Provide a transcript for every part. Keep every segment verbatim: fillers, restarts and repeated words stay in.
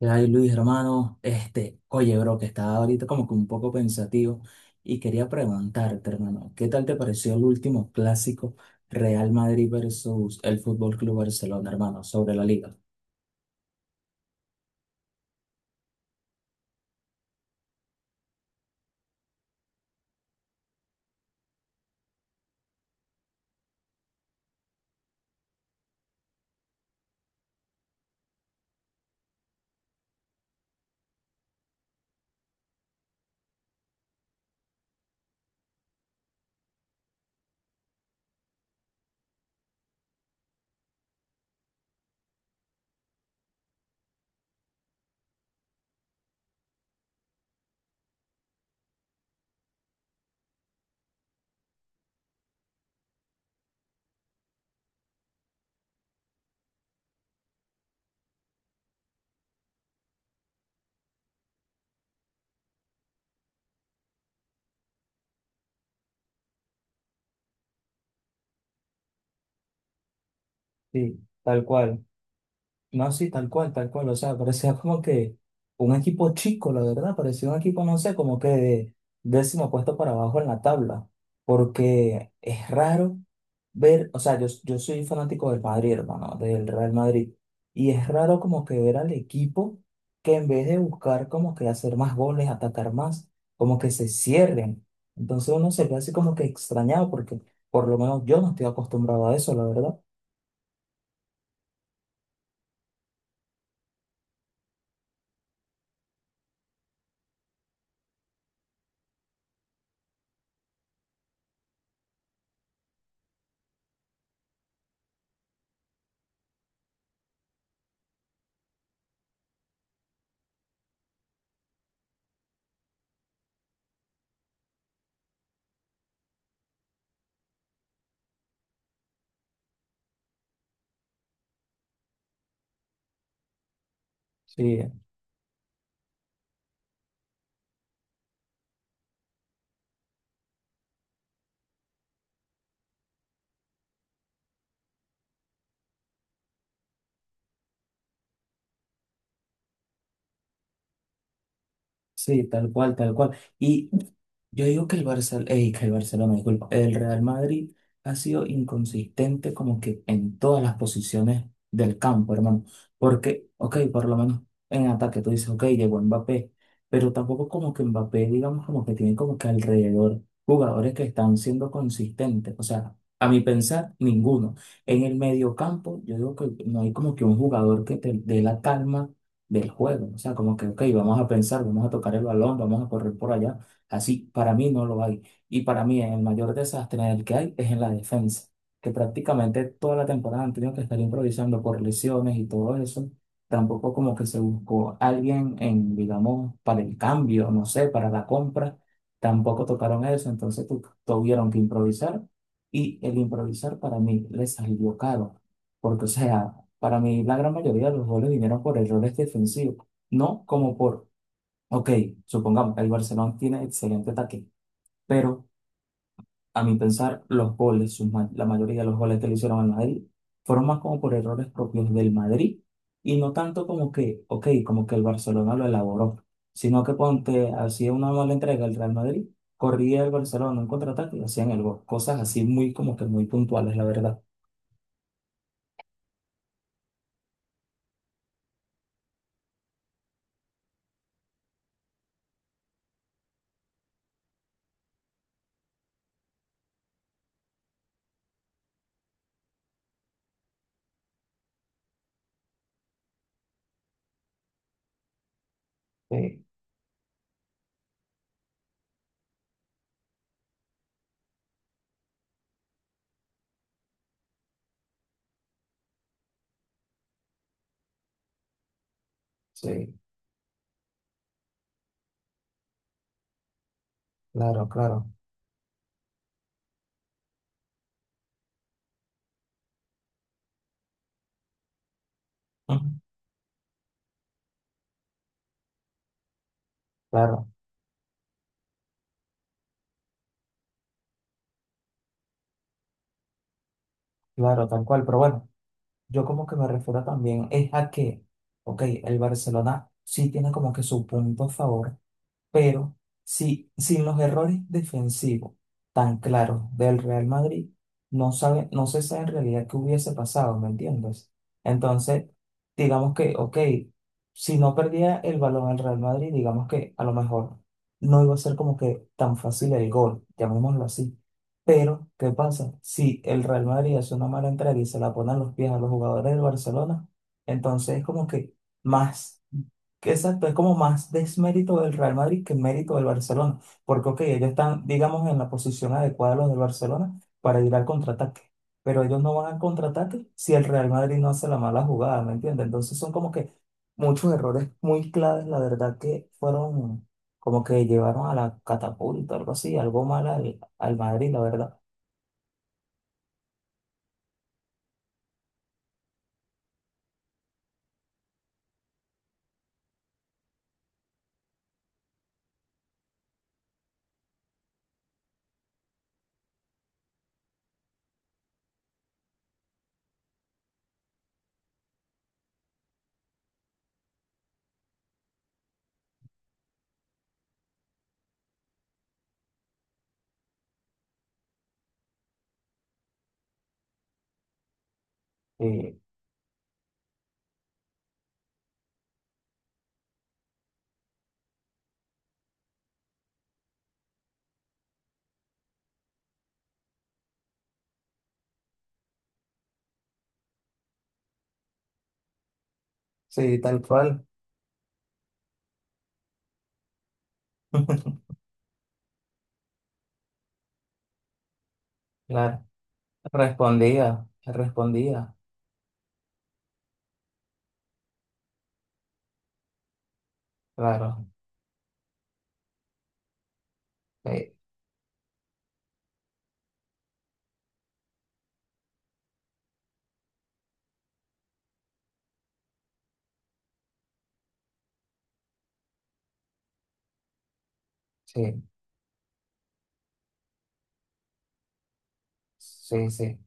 Ay, Luis, hermano, este, oye, bro, que estaba ahorita como que un poco pensativo y quería preguntarte, hermano, ¿qué tal te pareció el último clásico Real Madrid versus el Fútbol Club Barcelona, hermano, sobre la liga? Sí, tal cual. No, sí, tal cual, tal cual. O sea, parecía como que un equipo chico, la verdad. Parecía un equipo, no sé, como que de décimo puesto para abajo en la tabla. Porque es raro ver, o sea, yo, yo soy fanático del Madrid, hermano, del Real Madrid. Y es raro como que ver al equipo que en vez de buscar como que hacer más goles, atacar más, como que se cierren. Entonces uno se ve así como que extrañado porque por lo menos yo no estoy acostumbrado a eso, la verdad. Sí, sí, tal cual, tal cual. Y yo digo que el Barcelona, que el Barcelona, disculpa, el Real Madrid ha sido inconsistente como que en todas las posiciones del campo, hermano. Porque, ok, por lo menos en ataque tú dices, ok, llegó Mbappé, pero tampoco como que Mbappé, digamos, como que tiene como que alrededor jugadores que están siendo consistentes. O sea, a mi pensar, ninguno. En el medio campo, yo digo que no hay como que un jugador que te dé la calma del juego. O sea, como que, ok, vamos a pensar, vamos a tocar el balón, vamos a correr por allá. Así, para mí no lo hay. Y para mí el mayor desastre en el que hay es en la defensa, que prácticamente toda la temporada han tenido que estar improvisando por lesiones y todo eso. Tampoco como que se buscó alguien en, digamos, para el cambio, no sé, para la compra. Tampoco tocaron eso, entonces tu- tuvieron que improvisar y el improvisar para mí les salió caro, porque o sea, para mí, la gran mayoría de los goles vinieron por errores defensivos, no como por, ok, supongamos, el Barcelona tiene excelente ataque, pero a mi pensar, los goles, sus ma- la mayoría de los goles que le hicieron al Madrid, fueron más como por errores propios del Madrid y no tanto como que, ok, como que el Barcelona lo elaboró, sino que ponte, hacía una mala entrega el Real Madrid, corría el Barcelona en contraataque y hacían el gol. Cosas así muy como que muy puntuales, la verdad. Sí, sí, claro, claro. Ujú. Claro. Claro, tal cual, pero bueno, yo como que me refiero también es a que, ok, el Barcelona sí tiene como que su punto a favor, pero si sin los errores defensivos tan claros del Real Madrid, no sabe, no se sabe en realidad qué hubiese pasado, ¿me entiendes? Entonces, digamos que, ok, si no perdía el balón el Real Madrid, digamos que a lo mejor no iba a ser como que tan fácil el gol, llamémoslo así. Pero, ¿qué pasa? Si el Real Madrid hace una mala entrada y se la pone a los pies a los jugadores del Barcelona, entonces es como que más que exacto, es como más desmérito del Real Madrid que mérito del Barcelona, porque ok, ellos están, digamos, en la posición adecuada los del Barcelona para ir al contraataque, pero ellos no van al contraataque si el Real Madrid no hace la mala jugada, ¿me entiendes? Entonces son como que muchos errores muy claves, la verdad que fueron como que llevaron a la catapulta, algo así, algo mal al, al Madrid, la verdad. Sí, sí, tal cual. Claro, respondía, respondía, claro, sí, sí, sí. Sí.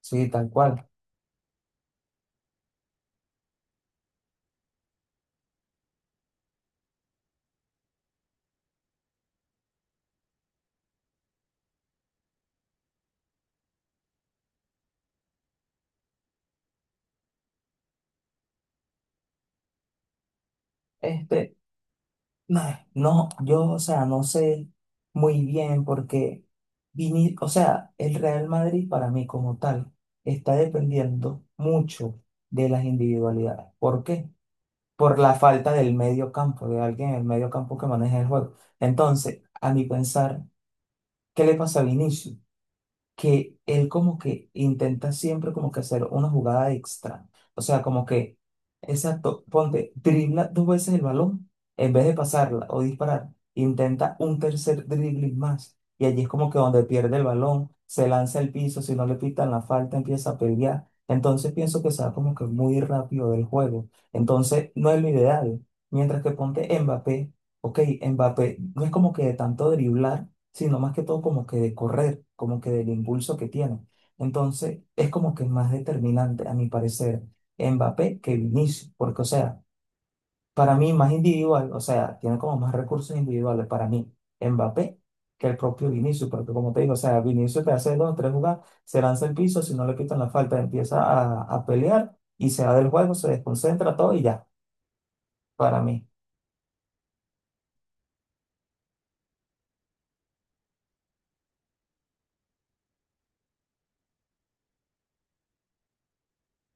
Sí, tal cual. Este, no, no, yo, o sea, no sé muy bien porque vini- o sea, el Real Madrid para mí como tal está dependiendo mucho de las individualidades. ¿Por qué? Por la falta del medio campo, de alguien en el medio campo que maneje el juego. Entonces, a mi pensar, ¿qué le pasa a Vinicius? Que él como que intenta siempre como que hacer una jugada extra. O sea, como que, exacto, ponte, dribla dos veces el balón en vez de pasarla o disparar, intenta un tercer dribbling más. Y allí es como que donde pierde el balón, se lanza al piso, si no le pitan la falta, empieza a pelear. Entonces pienso que se va como que muy rápido del juego. Entonces no es lo ideal. Mientras que ponte Mbappé, ok, Mbappé no es como que de tanto driblar sino más que todo como que de correr, como que del impulso que tiene. Entonces, es como que es más determinante, a mi parecer, Mbappé que Vinicius, porque, o sea, para mí más individual, o sea, tiene como más recursos individuales para mí, Mbappé que el propio Vinicius, porque como te digo, o sea, Vinicius te hace dos, o tres jugadas, se lanza al piso, si no le quitan la falta, empieza a, a pelear y se va del juego, se desconcentra todo y ya, para mí.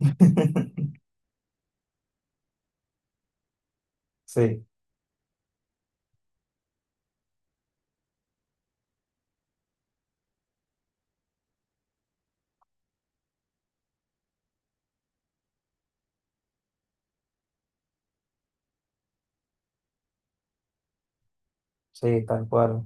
Sí, sí, tal cual.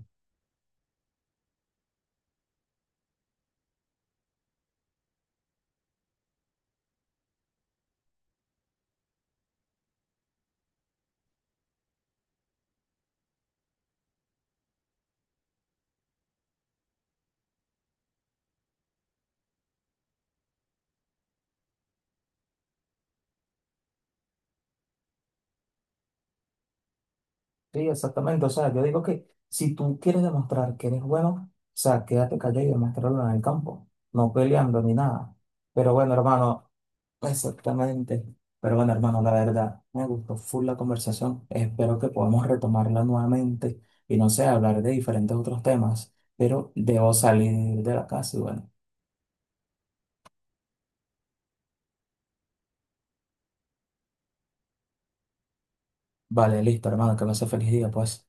Sí, exactamente. O sea, yo digo que si tú quieres demostrar que eres bueno, o sea, quédate callado y demuéstralo en el campo, no peleando ni nada. Pero bueno, hermano, exactamente. Pero bueno, hermano, la verdad, me gustó full la conversación. Espero que podamos retomarla nuevamente y no sé, hablar de diferentes otros temas. Pero debo salir de la casa y bueno, vale, listo, hermano, que me hace feliz día, pues.